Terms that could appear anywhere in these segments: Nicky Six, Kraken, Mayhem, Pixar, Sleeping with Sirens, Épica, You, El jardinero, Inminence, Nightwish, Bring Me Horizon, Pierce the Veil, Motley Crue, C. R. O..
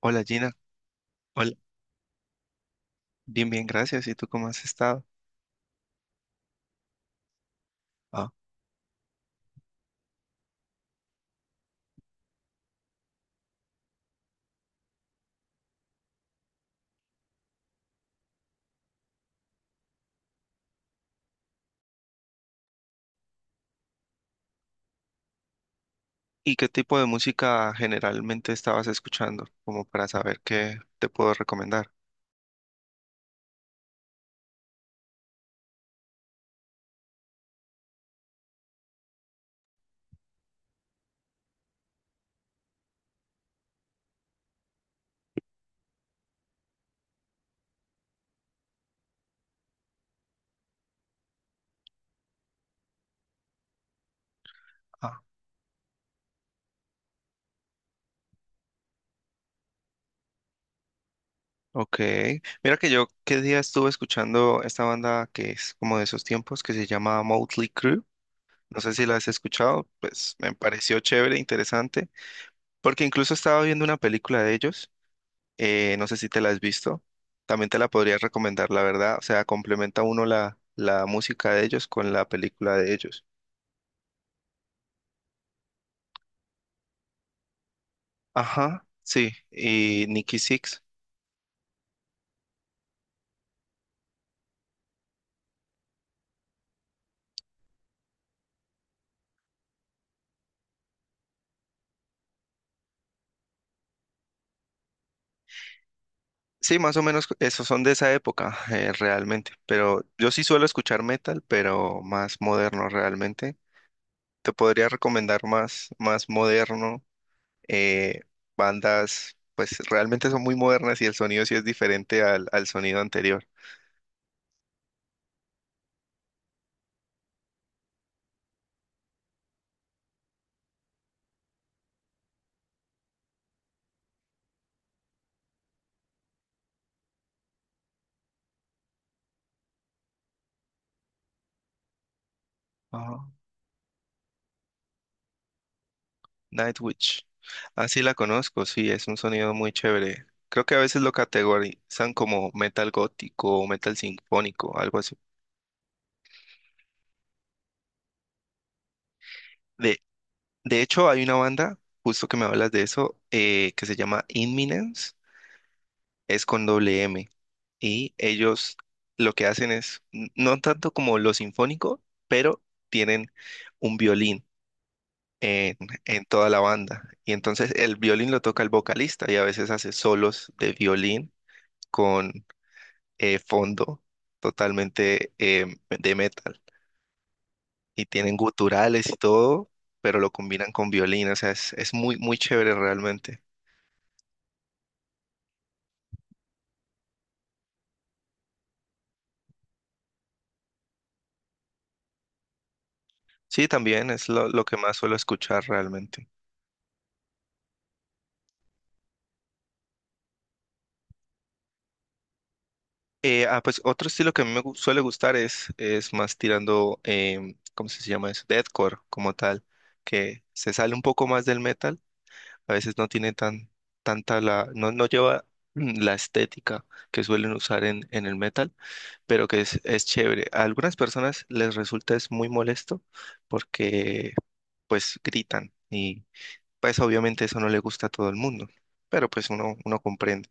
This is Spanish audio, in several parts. Hola Gina, hola, bien, bien, gracias. ¿Y tú cómo has estado? Ah, ¿y qué tipo de música generalmente estabas escuchando? Como para saber qué te puedo recomendar. Ah, ok. Mira que yo qué día estuve escuchando esta banda que es como de esos tiempos que se llama Motley Crue. No sé si la has escuchado, pues me pareció chévere, interesante, porque incluso estaba viendo una película de ellos. No sé si te la has visto. También te la podría recomendar, la verdad. O sea, complementa uno la música de ellos con la película de ellos. Ajá, sí, y Nicky Six. Sí, más o menos esos son de esa época, realmente. Pero yo sí suelo escuchar metal, pero más moderno realmente. Te podría recomendar más moderno, eh, bandas, pues realmente son muy modernas y el sonido sí es diferente al sonido anterior. Ajá. Nightwish. Ah, sí la conozco, sí, es un sonido muy chévere. Creo que a veces lo categorizan como metal gótico o metal sinfónico, algo así. De De hecho, hay una banda, justo que me hablas de eso, que se llama Inminence, es con doble M, y ellos lo que hacen es, no tanto como lo sinfónico, pero tienen un violín en, en toda la banda, y entonces el violín lo toca el vocalista, y a veces hace solos de violín con fondo totalmente de metal, y tienen guturales y todo, pero lo combinan con violín, o sea, es muy, muy chévere realmente. Sí, también es lo que más suelo escuchar realmente. Pues otro estilo que a mí suele gustar es más tirando, ¿cómo se llama eso? Deathcore como tal, que se sale un poco más del metal. A veces no tiene tanta no, no lleva la estética que suelen usar en el metal, pero que es chévere. A algunas personas les resulta es muy molesto porque pues gritan y pues obviamente eso no le gusta a todo el mundo, pero pues uno comprende.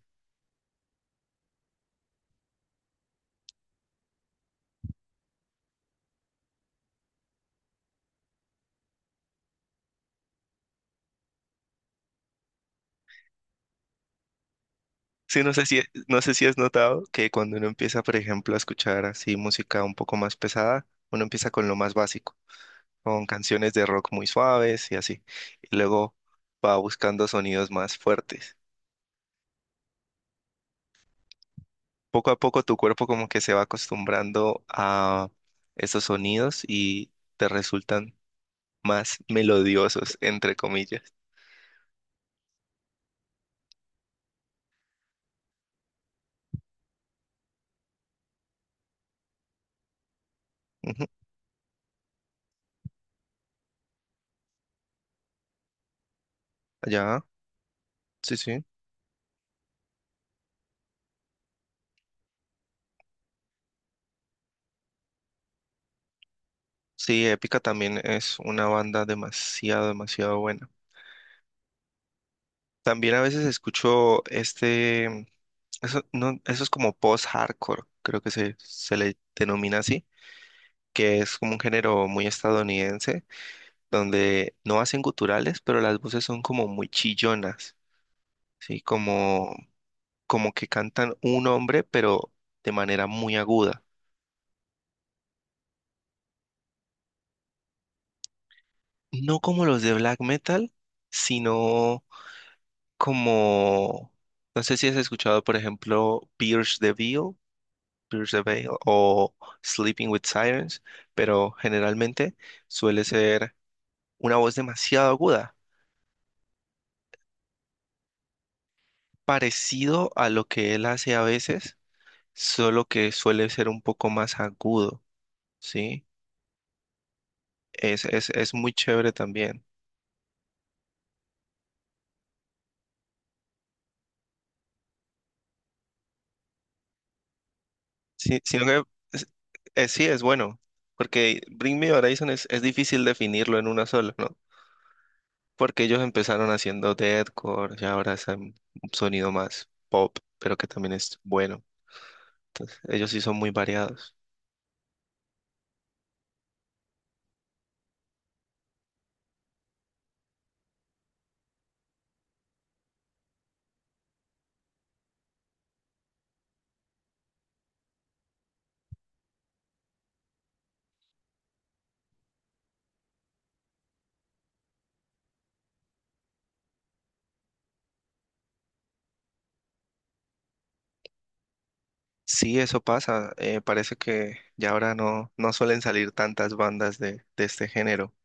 Sí, no sé si has notado que cuando uno empieza, por ejemplo, a escuchar así música un poco más pesada, uno empieza con lo más básico, con canciones de rock muy suaves y así, y luego va buscando sonidos más fuertes. Poco a poco tu cuerpo como que se va acostumbrando a esos sonidos y te resultan más melodiosos, entre comillas. Ujú. Ya, sí, sí. Sí, Épica también es una banda demasiado, demasiado buena. También a veces escucho eso, no, eso es como post-hardcore, creo que se le denomina así, que es como un género muy estadounidense, donde no hacen guturales, pero las voces son como muy chillonas, ¿sí? Como, como que cantan un hombre, pero de manera muy aguda. No como los de black metal, sino como, no sé si has escuchado, por ejemplo, Pierce the Veil o Sleeping with Sirens, pero generalmente suele ser una voz demasiado aguda, parecido a lo que él hace a veces, solo que suele ser un poco más agudo, ¿sí? Es muy chévere también. Sí, sino que es- sí es bueno, porque Bring Me Horizon es difícil definirlo en una sola, ¿no? Porque ellos empezaron haciendo deathcore y ahora es un sonido más pop, pero que también es bueno. Entonces, ellos sí son muy variados. Sí, eso pasa. Parece que ya ahora no suelen salir tantas bandas de este género.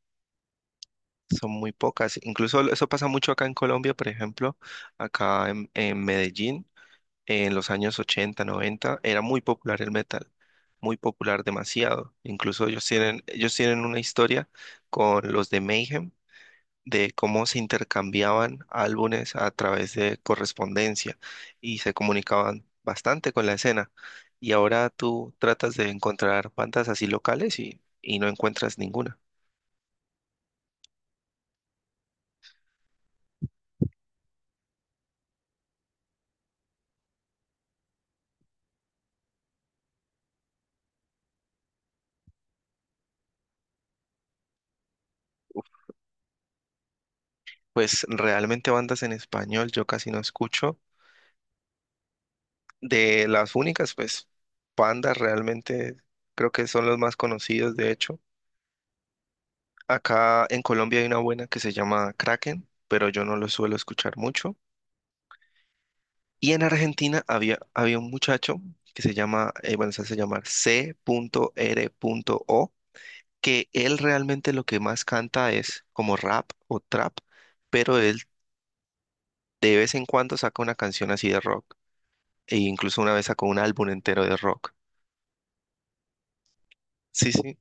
Son muy pocas. Incluso eso pasa mucho acá en Colombia, por ejemplo, acá en Medellín, en los años 80, 90, era muy popular el metal. Muy popular demasiado. Incluso ellos tienen una historia con los de Mayhem de cómo se intercambiaban álbumes a través de correspondencia y se comunicaban bastante con la escena. Y ahora tú tratas de encontrar bandas así locales y no encuentras ninguna. Pues realmente bandas en español yo casi no escucho. De las únicas, pues bandas realmente creo que son los más conocidos, de hecho. Acá en Colombia hay una buena que se llama Kraken, pero yo no lo suelo escuchar mucho. Y en Argentina había un muchacho que se llama, bueno, se hace llamar C. R. O. que él realmente lo que más canta es como rap o trap, pero él de vez en cuando saca una canción así de rock, e incluso una vez sacó un álbum entero de rock. Sí, sí.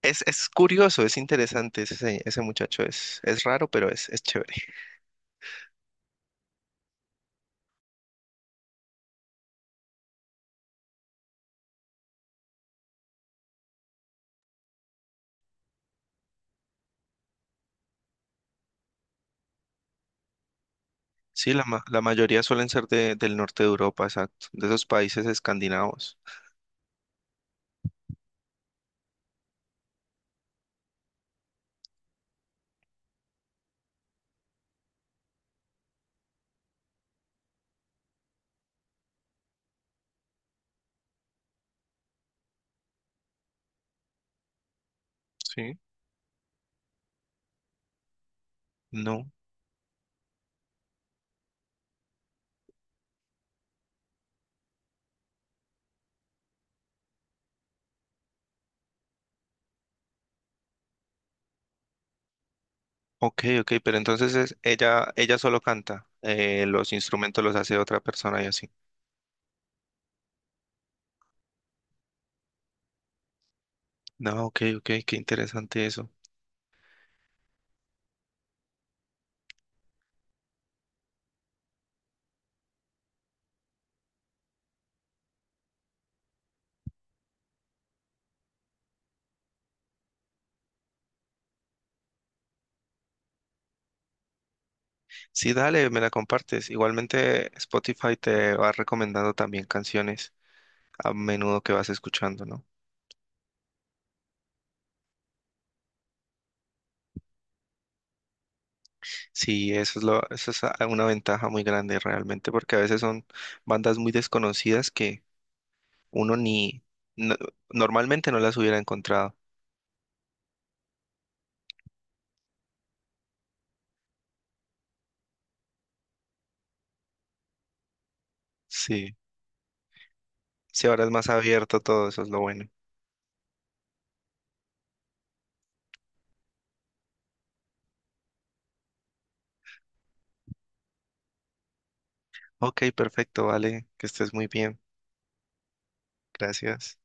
Es curioso, es interesante ese, ese muchacho, es raro, pero es chévere. Sí, la mayoría suelen ser del norte de Europa, exacto, de esos países escandinavos. Sí. No. Ok, ok, pero entonces ella, ella solo canta, los instrumentos los hace otra persona y así. No, ok, ok, qué interesante eso. Sí, dale, me la compartes. Igualmente Spotify te va recomendando también canciones a menudo que vas escuchando, ¿no? Sí, eso es eso es una ventaja muy grande realmente, porque a veces son bandas muy desconocidas que uno ni no- normalmente no las hubiera encontrado. Sí, sí, ahora es más abierto todo, eso es lo bueno. Ok, perfecto, vale, que estés muy bien. Gracias.